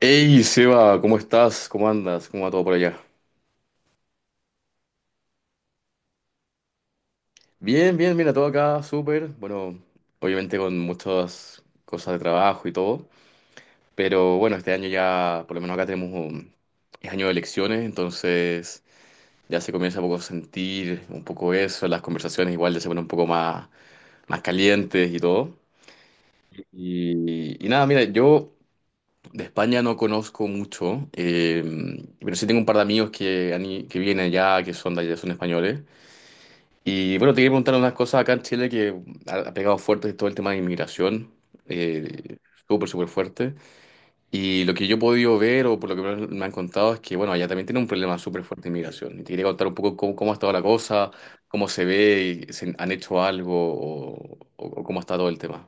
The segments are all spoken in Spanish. Hey Seba, ¿cómo estás? ¿Cómo andas? ¿Cómo va todo por allá? Bien, bien, mira, todo acá, súper. Bueno, obviamente con muchas cosas de trabajo y todo. Pero bueno, este año ya, por lo menos acá tenemos es año de elecciones, entonces ya se comienza un poco a sentir un poco eso. Las conversaciones igual ya se ponen un poco más calientes y todo. Y nada, mira, yo de España no conozco mucho, pero sí tengo un par de amigos que vienen allá, que son de allá, son españoles. Y bueno, te quería preguntar unas cosas acá en Chile que ha pegado fuerte todo el tema de inmigración, eh, súper, súper fuerte. Y lo que yo he podido ver o por lo que me han contado es que, bueno, allá también tiene un problema súper fuerte de inmigración. Y te quería contar un poco cómo ha estado la cosa, cómo se ve, y si han hecho algo o cómo está todo el tema.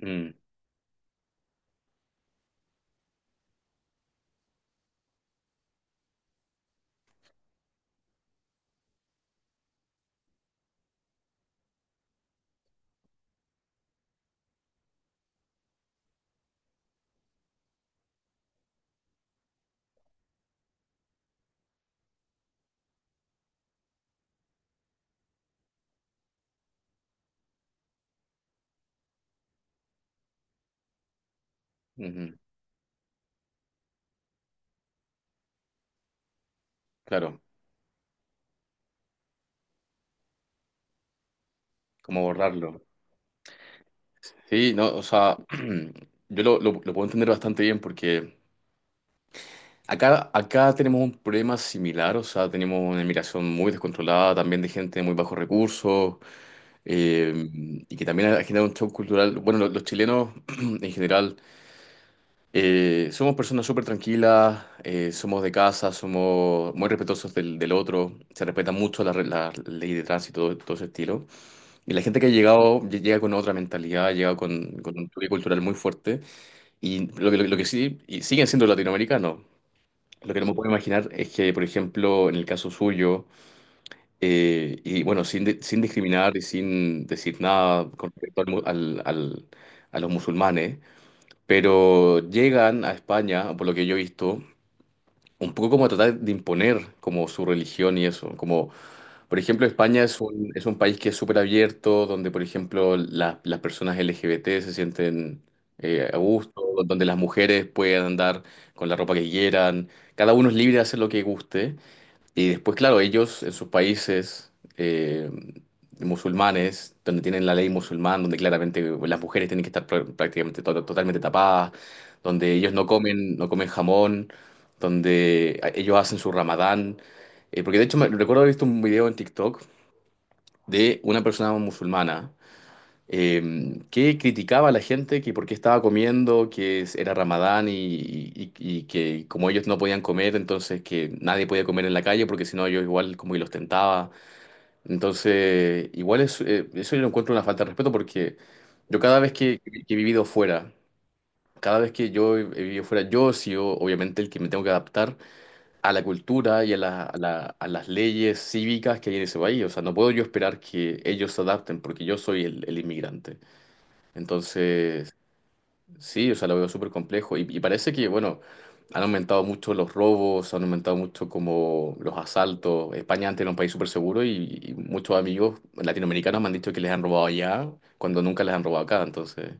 Mm, ujú, claro, cómo borrarlo. Sí, no, o sea, yo lo puedo entender bastante bien porque acá tenemos un problema similar, o sea, tenemos una inmigración muy descontrolada, también de gente de muy bajos recursos, eh, y que también ha generado un shock cultural. Bueno, los chilenos en general somos personas súper tranquilas, somos de casa, somos muy respetuosos del otro, se respetan mucho la ley de tránsito, todo ese estilo. Y la gente que ha llegado, llega con otra mentalidad, llega con un choque cultural muy fuerte, y lo que sí, y siguen siendo latinoamericanos. Lo que no me puedo imaginar es que, por ejemplo, en el caso suyo, y bueno, sin discriminar y sin decir nada con respecto al, mu- al- al- a los musulmanes, pero llegan a España, por lo que yo he visto, un poco como a tratar de imponer como su religión y eso. Como, por ejemplo, España es un país que es súper abierto, donde, por ejemplo, las personas LGBT se sienten a gusto, donde las mujeres pueden andar con la ropa que quieran, cada uno es libre de hacer lo que guste. Y después, claro, ellos en sus países musulmanes, donde tienen la ley musulmán, donde claramente las mujeres tienen que estar prácticamente totalmente tapadas, donde ellos no comen jamón, donde ellos hacen su ramadán. Porque de hecho me recuerdo haber visto un video en TikTok de una persona musulmana que criticaba a la gente que por qué estaba comiendo, que era Ramadán y que como ellos no podían comer, entonces que nadie podía comer en la calle porque si no yo igual como que los tentaba. Entonces, igual es, eso yo lo encuentro una falta de respeto porque yo cada vez que he vivido fuera, cada vez que yo he vivido fuera, yo he sido obviamente el que me tengo que adaptar a la cultura y a las leyes cívicas que hay en ese país. O sea, no puedo yo esperar que ellos se adapten porque yo soy el inmigrante. Entonces, sí, o sea, lo veo súper complejo. Y parece que, bueno, han aumentado mucho los robos, han aumentado mucho como los asaltos. España antes era un país súper seguro y muchos amigos latinoamericanos me han dicho que les han robado allá cuando nunca les han robado acá. Entonces,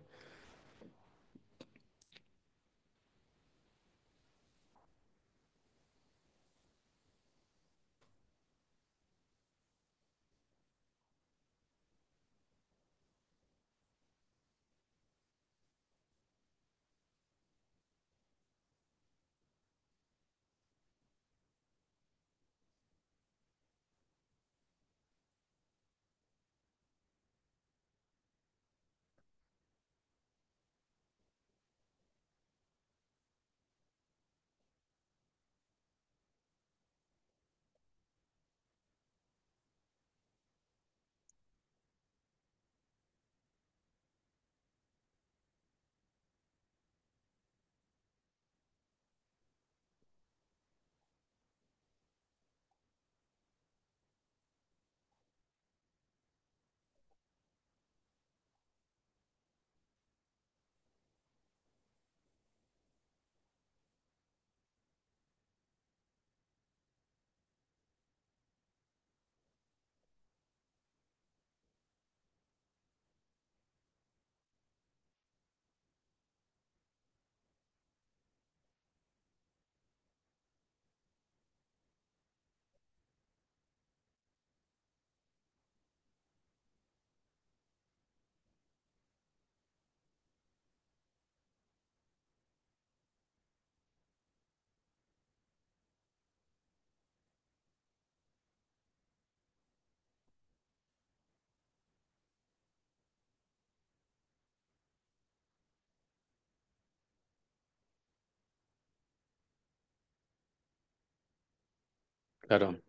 claro.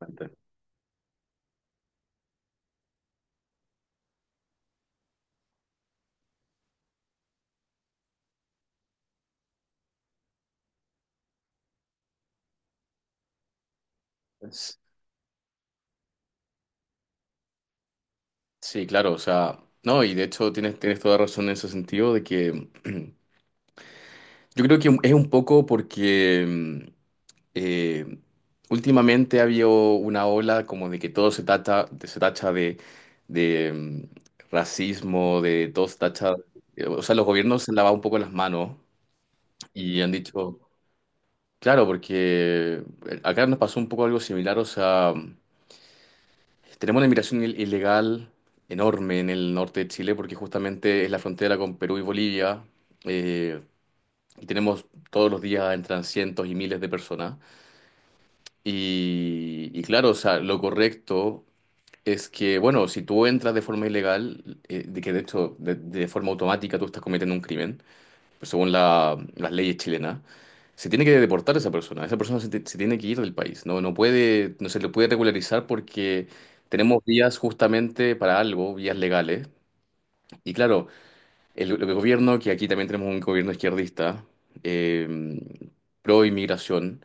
Bastante. Sí, claro, o sea, no, y de hecho tienes toda razón en ese sentido de que yo creo que es un poco porque eh, últimamente ha habido una ola como de que todo se tacha, se tacha de, racismo, de todo se tacha, o sea, los gobiernos se han lavado un poco las manos y han dicho, claro, porque acá nos pasó un poco algo similar, o sea, tenemos una inmigración ilegal enorme en el norte de Chile porque justamente es la frontera con Perú y Bolivia. Eh, que tenemos todos los días entran cientos y miles de personas. Y claro, o sea, lo correcto es que, bueno, si tú entras de forma ilegal, de que de hecho de forma automática tú estás cometiendo un crimen, pues según las leyes chilenas, se tiene que deportar a esa persona. Esa persona se tiene que ir del país. No, no puede, no se le puede regularizar porque tenemos vías justamente para algo, vías legales. Y claro, el gobierno, que aquí también tenemos un gobierno izquierdista, eh, pro inmigración,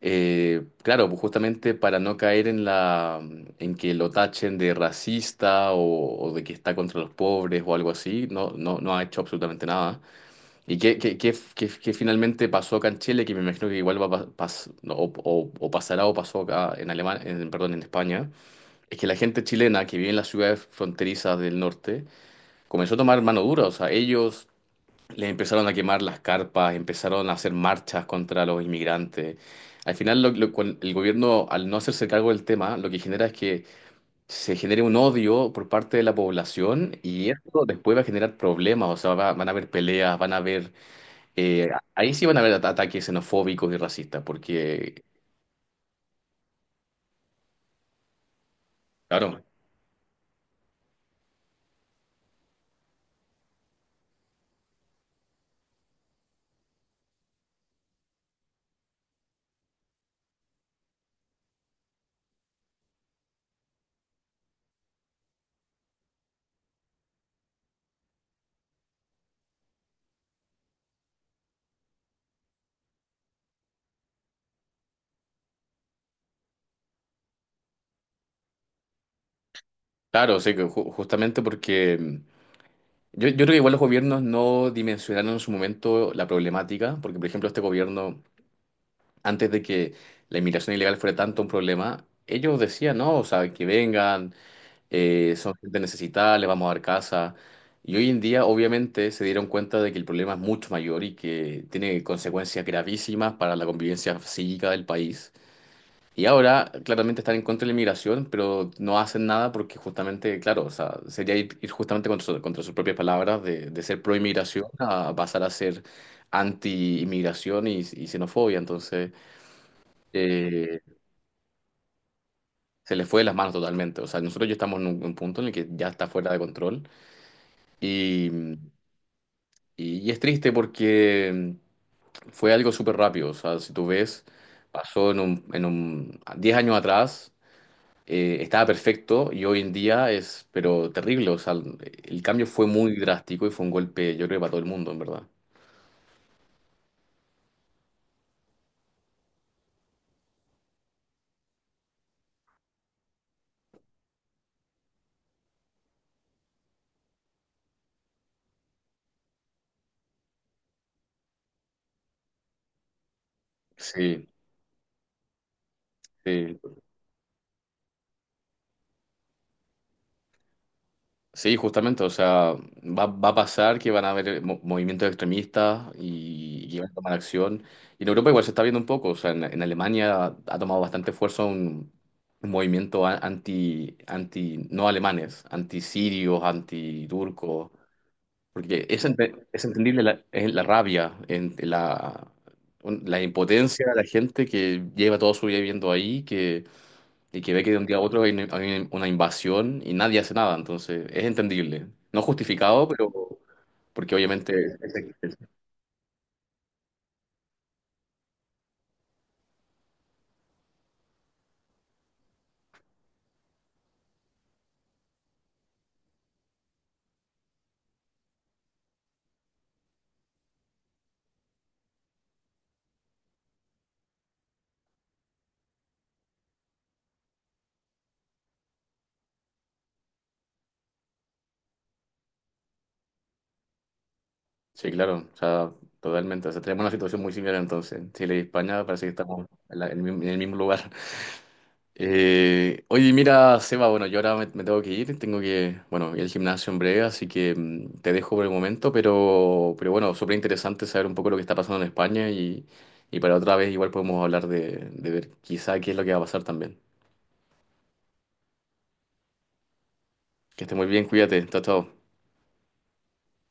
claro, pues justamente para no caer en en que lo tachen de racista o de que está contra los pobres o algo así, no, no, no ha hecho absolutamente nada. ¿Y qué finalmente pasó acá en Chile? Que me imagino que igual va a no, o pasará o pasó acá en perdón, en España, es que la gente chilena que vive en las ciudades fronterizas del norte comenzó a tomar mano dura, o sea, ellos les empezaron a quemar las carpas, empezaron a hacer marchas contra los inmigrantes. Al final, el gobierno, al no hacerse cargo del tema, lo que genera es que se genere un odio por parte de la población y esto después va a generar problemas, o sea, van a haber peleas, van a haber. eh, Ahí sí van a haber ataques xenofóbicos y racistas, porque, claro, claro, sí, que justamente porque. Yo creo que igual los gobiernos no dimensionaron en su momento la problemática, porque, por ejemplo, este gobierno, antes de que la inmigración ilegal fuera tanto un problema, ellos decían, no, o sea, que vengan, son gente necesitada, les vamos a dar casa. Y hoy en día, obviamente, se dieron cuenta de que el problema es mucho mayor y que tiene consecuencias gravísimas para la convivencia psíquica del país. Y ahora, claramente, están en contra de la inmigración, pero no hacen nada porque justamente, claro, o sea, sería ir justamente contra sus propias palabras de ser pro inmigración a pasar a ser anti inmigración y xenofobia. Entonces, eh, se le fue de las manos totalmente. O sea, nosotros ya estamos en un punto en el que ya está fuera de control y, y es triste porque fue algo súper rápido. O sea, si tú ves, pasó en un 10 años atrás, estaba perfecto y hoy en día es, pero terrible. O sea, el cambio fue muy drástico y fue un golpe, yo creo, para todo el mundo, en verdad. Sí, sí. Sí, justamente, o sea, va a pasar que van a haber movimientos extremistas y van a tomar acción. Y en Europa igual se está viendo un poco, o sea, en Alemania ha tomado bastante fuerza un movimiento anti, no alemanes, anti-sirios, anti-turcos, porque es entendible la rabia, la impotencia de la gente que lleva toda su vida viviendo ahí, y que ve que de un día a otro hay una invasión y nadie hace nada, entonces es entendible. No justificado, pero porque obviamente, sí, claro, o sea, totalmente. O sea, tenemos una situación muy similar entonces. Chile y España parece que estamos en el mismo lugar. Oye, mira, Seba, bueno, yo ahora me tengo que ir, tengo que, bueno, ir al gimnasio en breve, así que te dejo por el momento, pero bueno, súper interesante saber un poco lo que está pasando en España y para otra vez igual podemos hablar de ver quizá qué es lo que va a pasar también. Que esté muy bien, cuídate. Chao, chao.